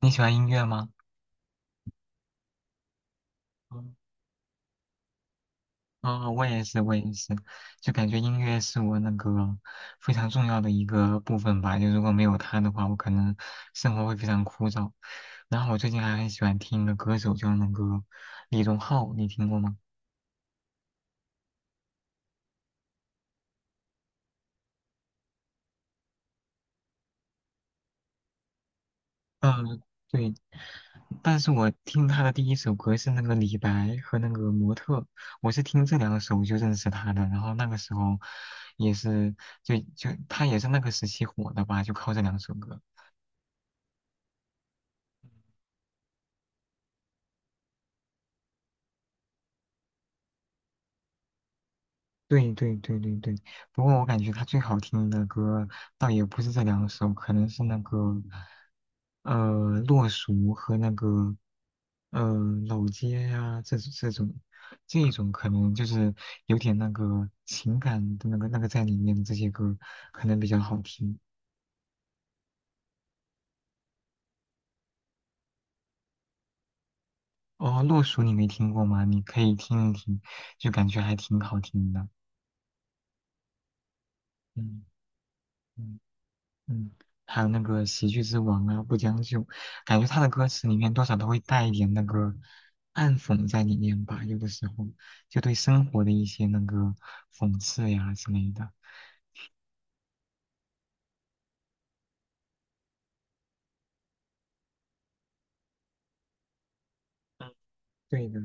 你喜欢音乐吗？嗯，哦，我也是，我也是，就感觉音乐是我那个非常重要的一个部分吧。就如果没有它的话，我可能生活会非常枯燥。然后我最近还很喜欢听的歌手就是那个李荣浩，你听过吗？嗯，对。但是我听他的第一首歌是那个《李白》和那个《模特》，我是听这两首就认识他的。然后那个时候也是，就他也是那个时期火的吧，就靠这两首歌。对对对对对，不过我感觉他最好听的歌倒也不是这两首，可能是那个呃《洛俗》和那个呃《老街啊》呀这这种这一种可能就是有点那个情感的那个在里面的这些歌可能比较好听。哦，《洛俗》你没听过吗？你可以听一听，就感觉还挺好听的。嗯。嗯嗯，还有那个《喜剧之王》啊，《不将就》，感觉他的歌词里面多少都会带一点那个暗讽在里面吧，有的时候就对生活的一些那个讽刺呀之类的。嗯，对的，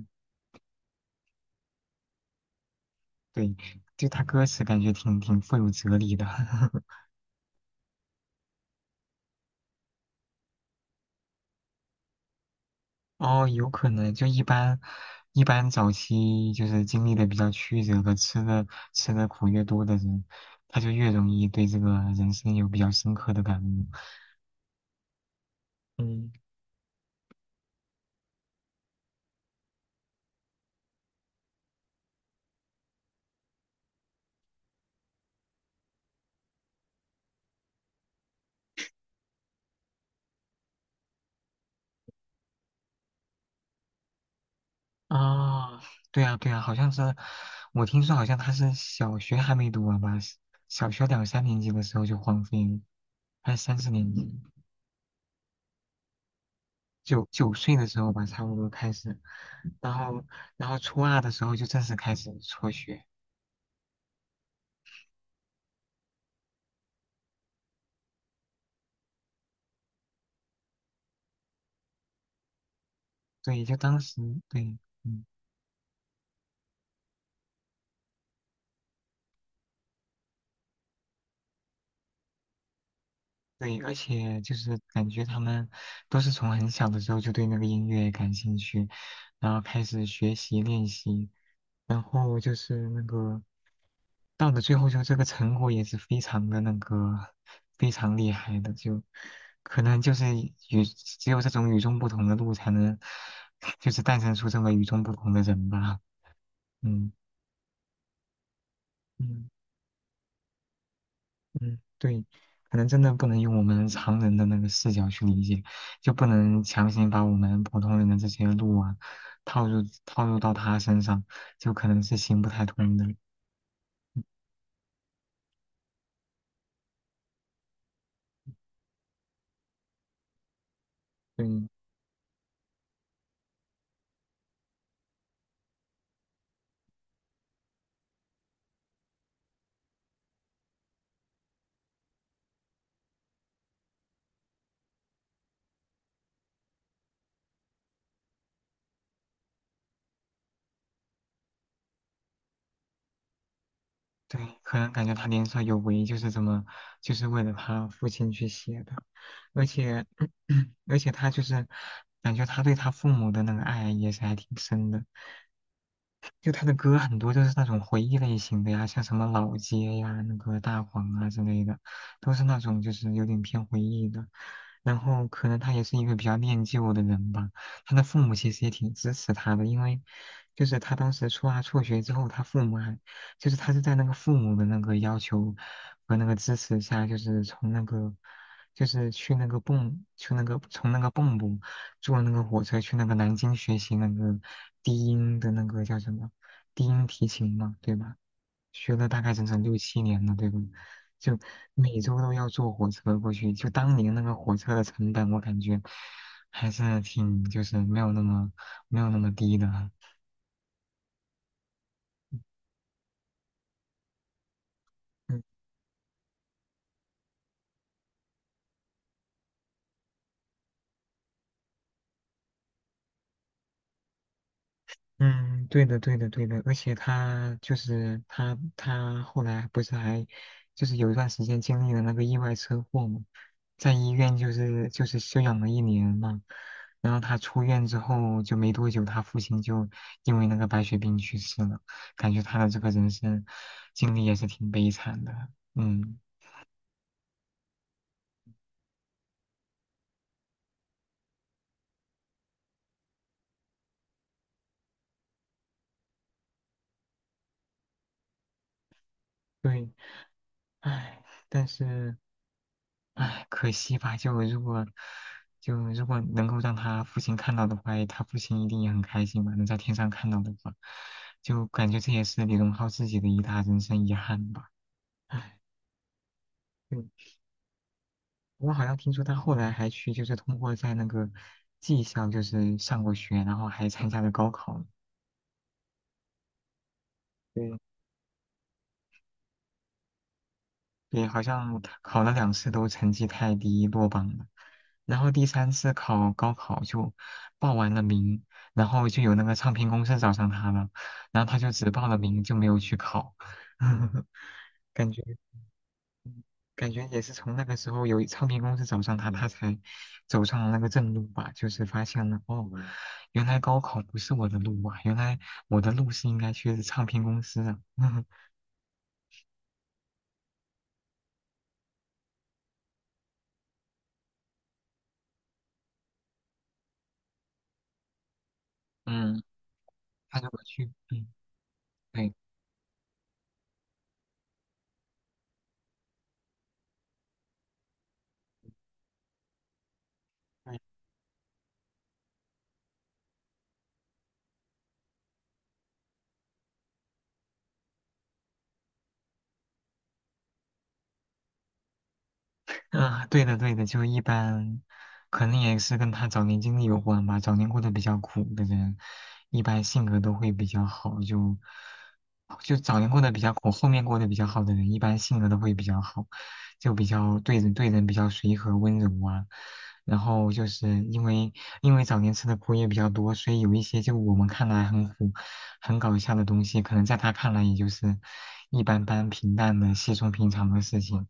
对，就他歌词感觉挺富有哲理的。哦，有可能就一般，一般早期就是经历的比较曲折的，吃的苦越多的人，他就越容易对这个人生有比较深刻的感悟。嗯。啊，对啊，对啊，好像是，我听说好像他是小学还没读完吧，是小学两三年级的时候就荒废了，还是三四年级，九岁的时候吧，差不多开始，然后初二的时候就正式开始辍学，对，就当时对，嗯，对，而且就是感觉他们都是从很小的时候就对那个音乐感兴趣，然后开始学习练习。然后就是那个到了最后，就这个成果也是非常的那个非常厉害的，就可能就是与只有这种与众不同的路才能，就是诞生出这么与众不同的人吧。嗯嗯嗯，对，可能真的不能用我们常人的那个视角去理解，就不能强行把我们普通人的这些路啊套入到他身上，就可能是行不太通的。对，对啊，可能感觉他年少有为，就是这么，就是为了他父亲去写的，而且，而且他就是感觉他对他父母的那个爱也是还挺深的，就他的歌很多都是那种回忆类型的呀，像什么老街呀、那个大黄啊之类的，都是那种就是有点偏回忆的。然后可能他也是一个比较念旧的人吧，他的父母其实也挺支持他的，因为就是他当时初二辍学之后，他父母还就是他是在那个父母的那个要求和那个支持下，就是从那个去那个从那个蚌埠坐那个火车去那个南京学习那个低音的那个叫什么低音提琴嘛，对吧？学了大概整整六七年了，对吧？就每周都要坐火车过去，就当年那个火车的成本，我感觉还是挺就是没有那么低的啊。嗯嗯，对的，对的，对的，而且他就是他，他后来不是还就是有一段时间经历了那个意外车祸嘛，在医院就是休养了1年嘛，然后他出院之后就没多久，他父亲就因为那个白血病去世了，感觉他的这个人生经历也是挺悲惨的，嗯，对，唉，但是。唉，可惜吧，就如果能够让他父亲看到的话，他父亲一定也很开心吧，能在天上看到的话，就感觉这也是李荣浩自己的一大人生遗憾吧。唉，嗯，我好像听说他后来还去，就是通过在那个技校就是上过学，然后还参加了高考呢对，对，好像考了2次都成绩太低落榜了，然后第三次考高考就报完了名，然后就有那个唱片公司找上他了，然后他就只报了名就没有去考，感觉感觉也是从那个时候有唱片公司找上他，他才走上了那个正路吧，就是发现了哦，原来高考不是我的路啊，原来我的路是应该去唱片公司啊，嗯，他如果去，嗯，对。啊，对的对的，就一般，可能也是跟他早年经历有关吧。早年过得比较苦的人，一般性格都会比较好，就早年过得比较苦，后面过得比较好的人，一般性格都会比较好，就比较对人比较随和温柔啊。然后就是因为早年吃的苦也比较多，所以有一些就我们看来很苦、很搞笑的东西，可能在他看来也就是一般般、平淡的、稀松平常的事情。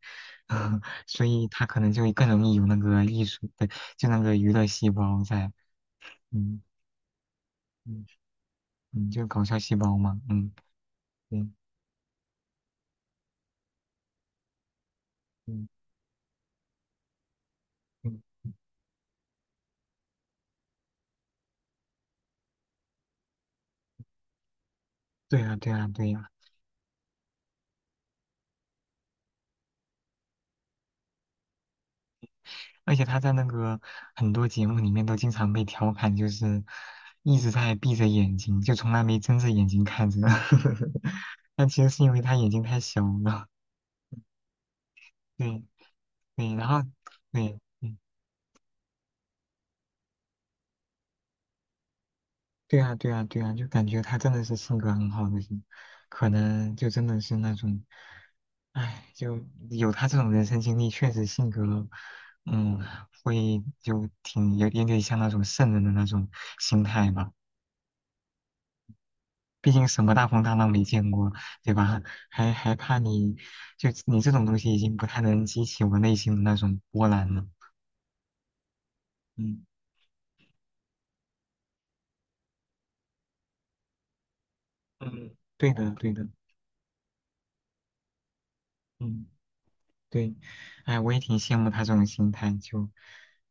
所以他可能就更容易有那个艺术的，就那个娱乐细胞在，嗯嗯嗯，就搞笑细胞嘛，嗯嗯嗯嗯，对呀对呀对呀，而且他在那个很多节目里面都经常被调侃，就是一直在闭着眼睛，就从来没睁着眼睛看着，但其实是因为他眼睛太小了，对对，然后对嗯对啊对啊对啊，就感觉他真的是性格很好的人，可能就真的是那种。唉，就有他这种人生经历，确实性格，嗯，会就挺有点点像那种圣人的那种心态吧。毕竟什么大风大浪没见过，对吧？还还怕你，就你这种东西已经不太能激起我内心的那种波澜了。嗯嗯，对的对的，嗯。对，哎，我也挺羡慕他这种心态，就，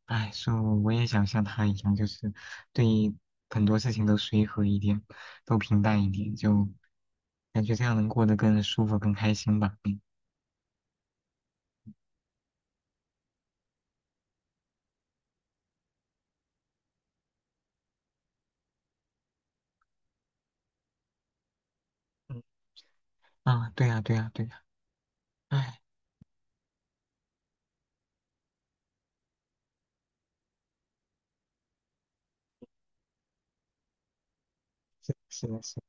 哎，说我也想像他一样，就是对很多事情都随和一点，都平淡一点，就感觉这样能过得更舒服、更开心吧。嗯嗯啊，对呀，对呀，对呀，哎，是是的是的，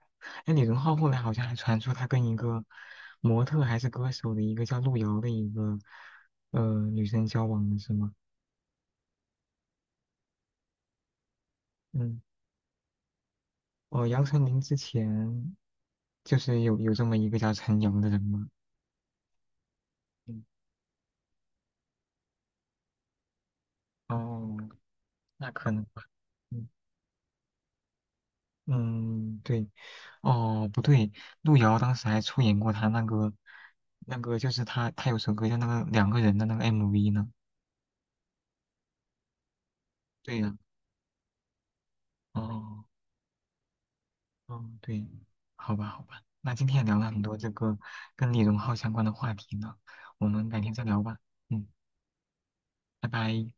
哎，李荣浩后来好像还传出他跟一个模特还是歌手的一个叫路遥的一个女生交往了，是吗？嗯，哦，杨丞琳之前就是有这么一个叫陈瑶的人吗？嗯哦，那可能，嗯，嗯对，哦，不对，路遥当时还出演过他那个，那个就是他，他有首歌叫那个两个人的那个 MV 呢。对呀、哦，哦，对，好吧，好吧，那今天也聊了很多这个跟李荣浩相关的话题呢，我们改天再聊吧。嗯，拜拜。